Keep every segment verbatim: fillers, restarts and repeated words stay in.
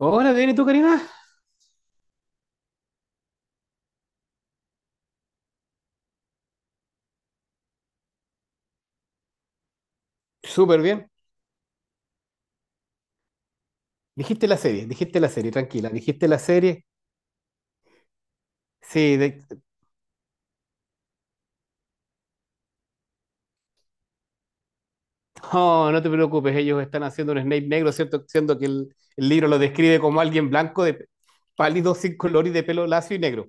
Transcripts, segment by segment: Hola, bien, ¿y tú, Karina? Súper bien. Dijiste la serie, dijiste la serie, tranquila, dijiste la serie. Sí, de- no, no te preocupes, ellos están haciendo un Snape negro, ¿cierto? Siendo que el, el libro lo describe como alguien blanco, de pálido, sin color y de pelo lacio y negro.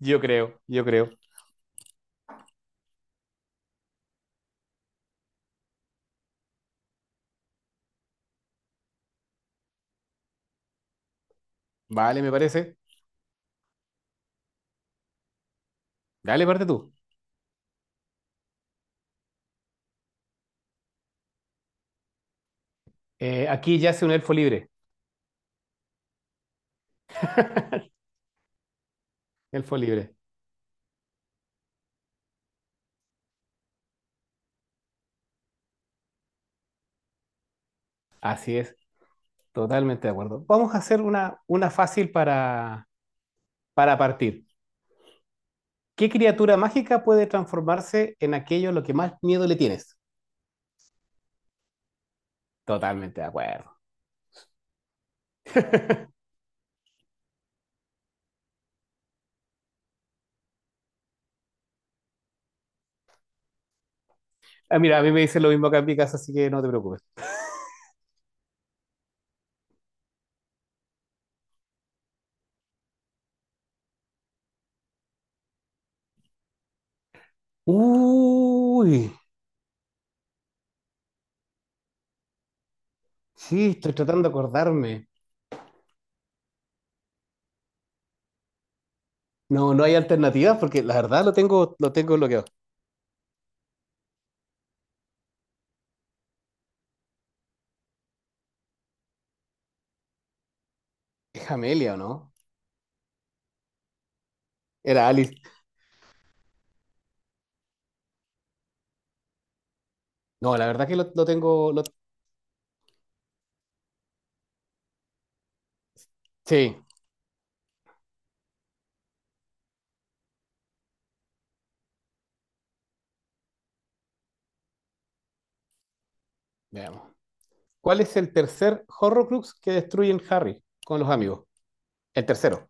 Yo creo, yo creo. Vale, me parece. Dale, parte tú. Eh, aquí yace un elfo libre. Elfo libre. Así es, totalmente de acuerdo. Vamos a hacer una, una fácil para, para partir. ¿Qué criatura mágica puede transformarse en aquello a lo que más miedo le tienes? Totalmente de acuerdo. Ah, mira, a mí me dicen lo mismo acá en mi casa, así que no te preocupes. Uy, sí, estoy tratando de acordarme. No, no hay alternativas porque la verdad lo tengo, lo tengo bloqueado. Es Amelia, ¿o no? Era Alice. No, la verdad que lo, lo tengo. lo- Sí, veamos. ¿Cuál es el tercer Horrocrux que destruyen Harry con los amigos? El tercero.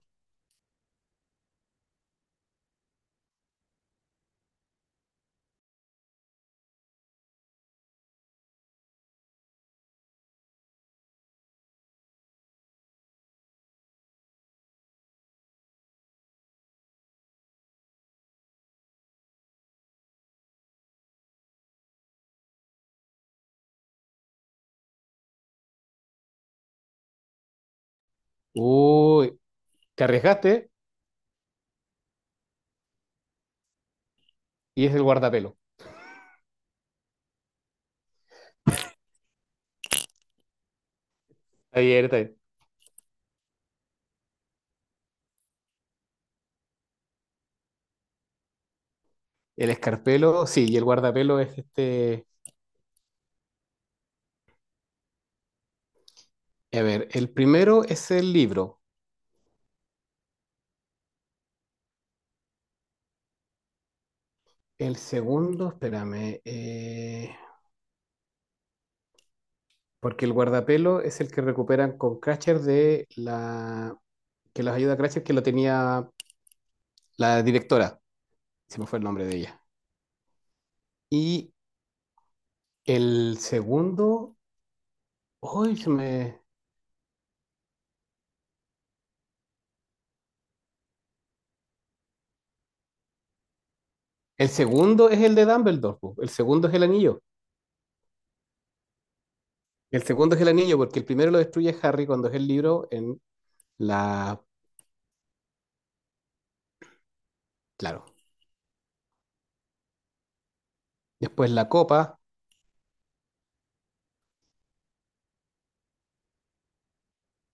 Uy, te arriesgaste y es el guardapelo. Está bien, está bien. El escarpelo, sí, y el guardapelo es este. A ver, el primero es el libro. El segundo, espérame, eh, porque el guardapelo es el que recuperan con Cratcher, de la que los ayuda a Cratcher, que lo tenía la directora. Se me fue el nombre de ella. Y el segundo, ay se me... El segundo es el de Dumbledore, po. El segundo es el anillo. El segundo es el anillo, porque el primero lo destruye Harry cuando es el libro en la... Claro. Después la copa.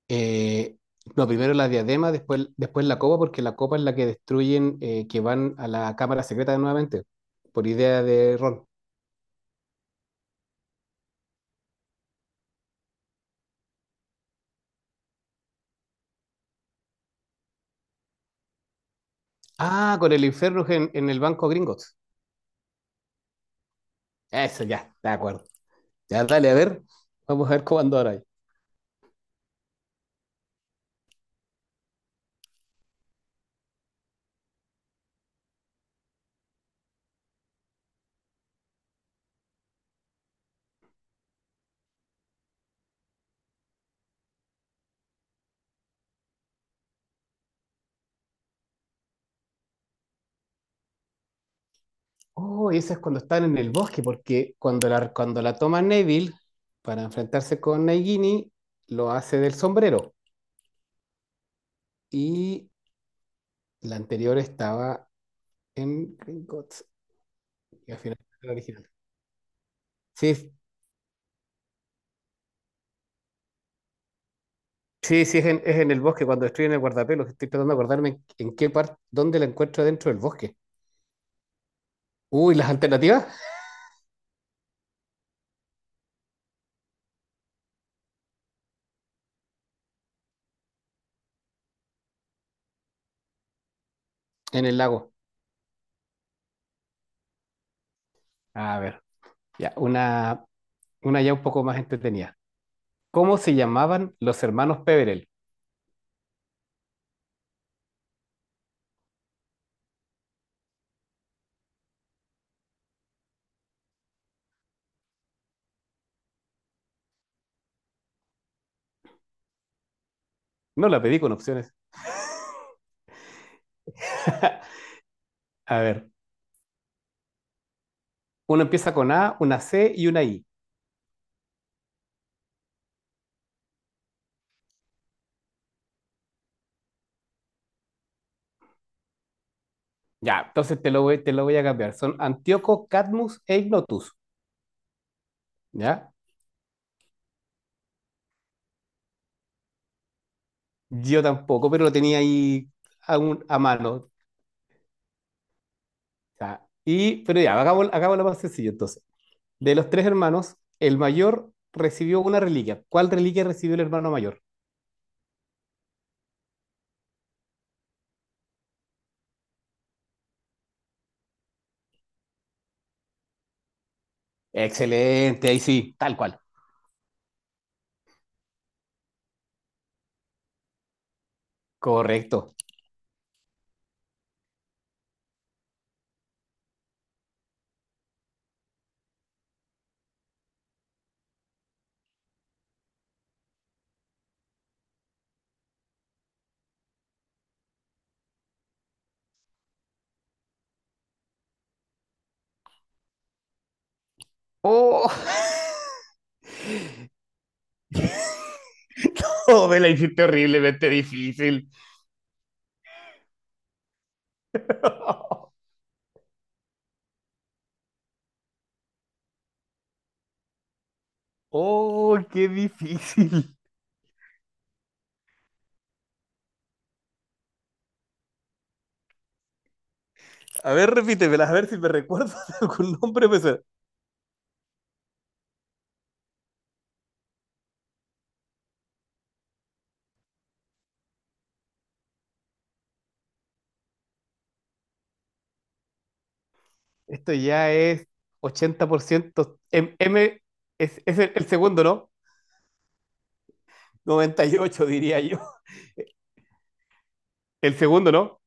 Eh, no, primero la diadema, después, después la copa, porque la copa es la que destruyen, eh, que van a la cámara secreta nuevamente, por idea de Ron. Ah, con el infierno en, en el banco Gringotts. Eso ya, de acuerdo. Ya, dale, a ver, vamos a ver cómo ando ahora. Ahí. Oh, y eso es cuando están en el bosque, porque cuando la, cuando la toma Neville para enfrentarse con Nagini, lo hace del sombrero. Y la anterior estaba en Gringotts, y al final era la original. Sí, sí, sí, es en, es en el bosque, cuando estoy en el guardapelo. que Estoy tratando de acordarme en, en qué parte, dónde la encuentro dentro del bosque. Uy, las alternativas en el lago. A ver, ya, una, una ya un poco más entretenida. ¿Cómo se llamaban los hermanos Peverell? No la pedí con opciones. A ver, uno empieza con A, una C y una I. Ya, entonces te lo voy, te lo voy a cambiar. Son Antíoco, Cadmus e Ignotus. ¿Ya? Yo tampoco, pero lo tenía ahí a, un- a mano. Ya. Y, pero ya, hagamos, hagámoslo más sencillo entonces. De los tres hermanos, el mayor recibió una reliquia. ¿Cuál reliquia recibió el hermano mayor? Excelente, ahí sí, tal cual. Correcto. Oh, oh me la hiciste horriblemente difícil. Oh, qué difícil. A ver, repítemelas, a ver si me recuerdo de algún nombre. Pues, esto ya es ochenta por ciento. M, M es, es el, el segundo, ¿no? Noventa y ocho diría yo. El segundo, ¿no?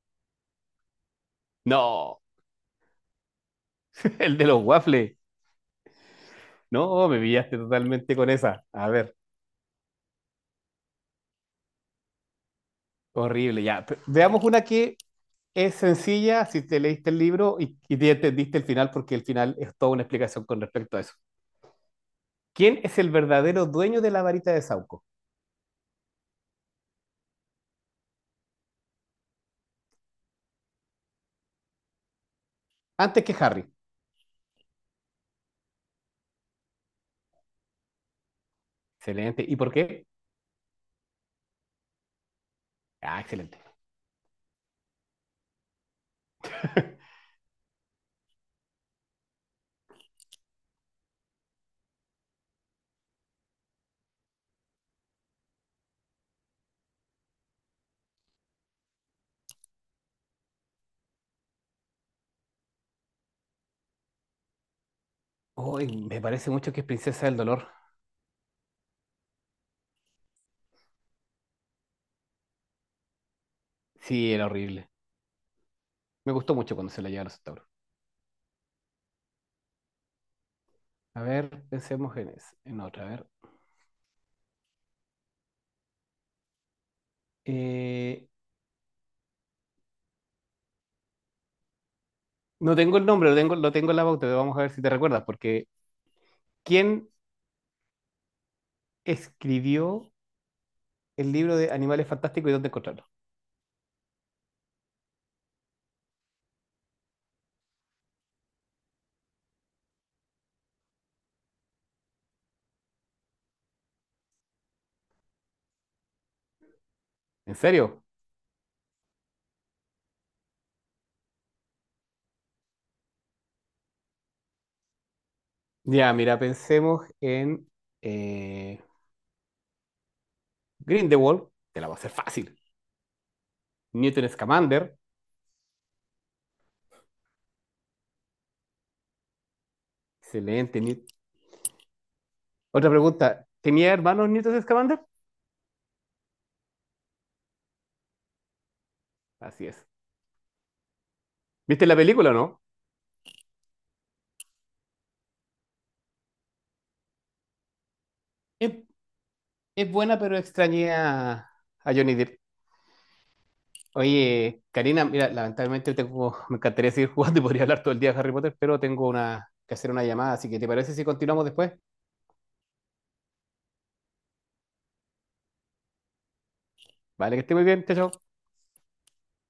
No, el de los waffles. No, me pillaste totalmente con esa. A ver, horrible, ya. Pe- Veamos una que es sencilla si te leíste el libro y, y te entendiste el final, porque el final es toda una explicación con respecto a eso. ¿Quién es el verdadero dueño de la varita de Sauco? Antes que Harry. Excelente. ¿Y por qué? Ah, excelente. Uy, me parece mucho que es Princesa del Dolor. Sí, era horrible. Me gustó mucho cuando se la lleva a los tauros. A ver, pensemos en, es- en otra. A ver. Eh, no tengo el nombre, lo tengo, lo tengo en la pauta, pero vamos a ver si te recuerdas, porque ¿quién escribió el libro de Animales Fantásticos y dónde encontrarlos? ¿En serio? Ya, mira, pensemos en eh, Grindelwald, te la voy a hacer fácil. Newton Scamander, excelente. Newt- Otra pregunta, ¿tenía hermanos Newton Scamander? Así es. ¿Viste la película o no? Es, es buena, pero extrañé a, a Johnny Depp. Oye, Karina, mira, lamentablemente tengo, me encantaría seguir jugando y podría hablar todo el día de Harry Potter, pero tengo una, que hacer una llamada, así que ¿te parece si continuamos después? Vale, que esté muy bien, chao, chao.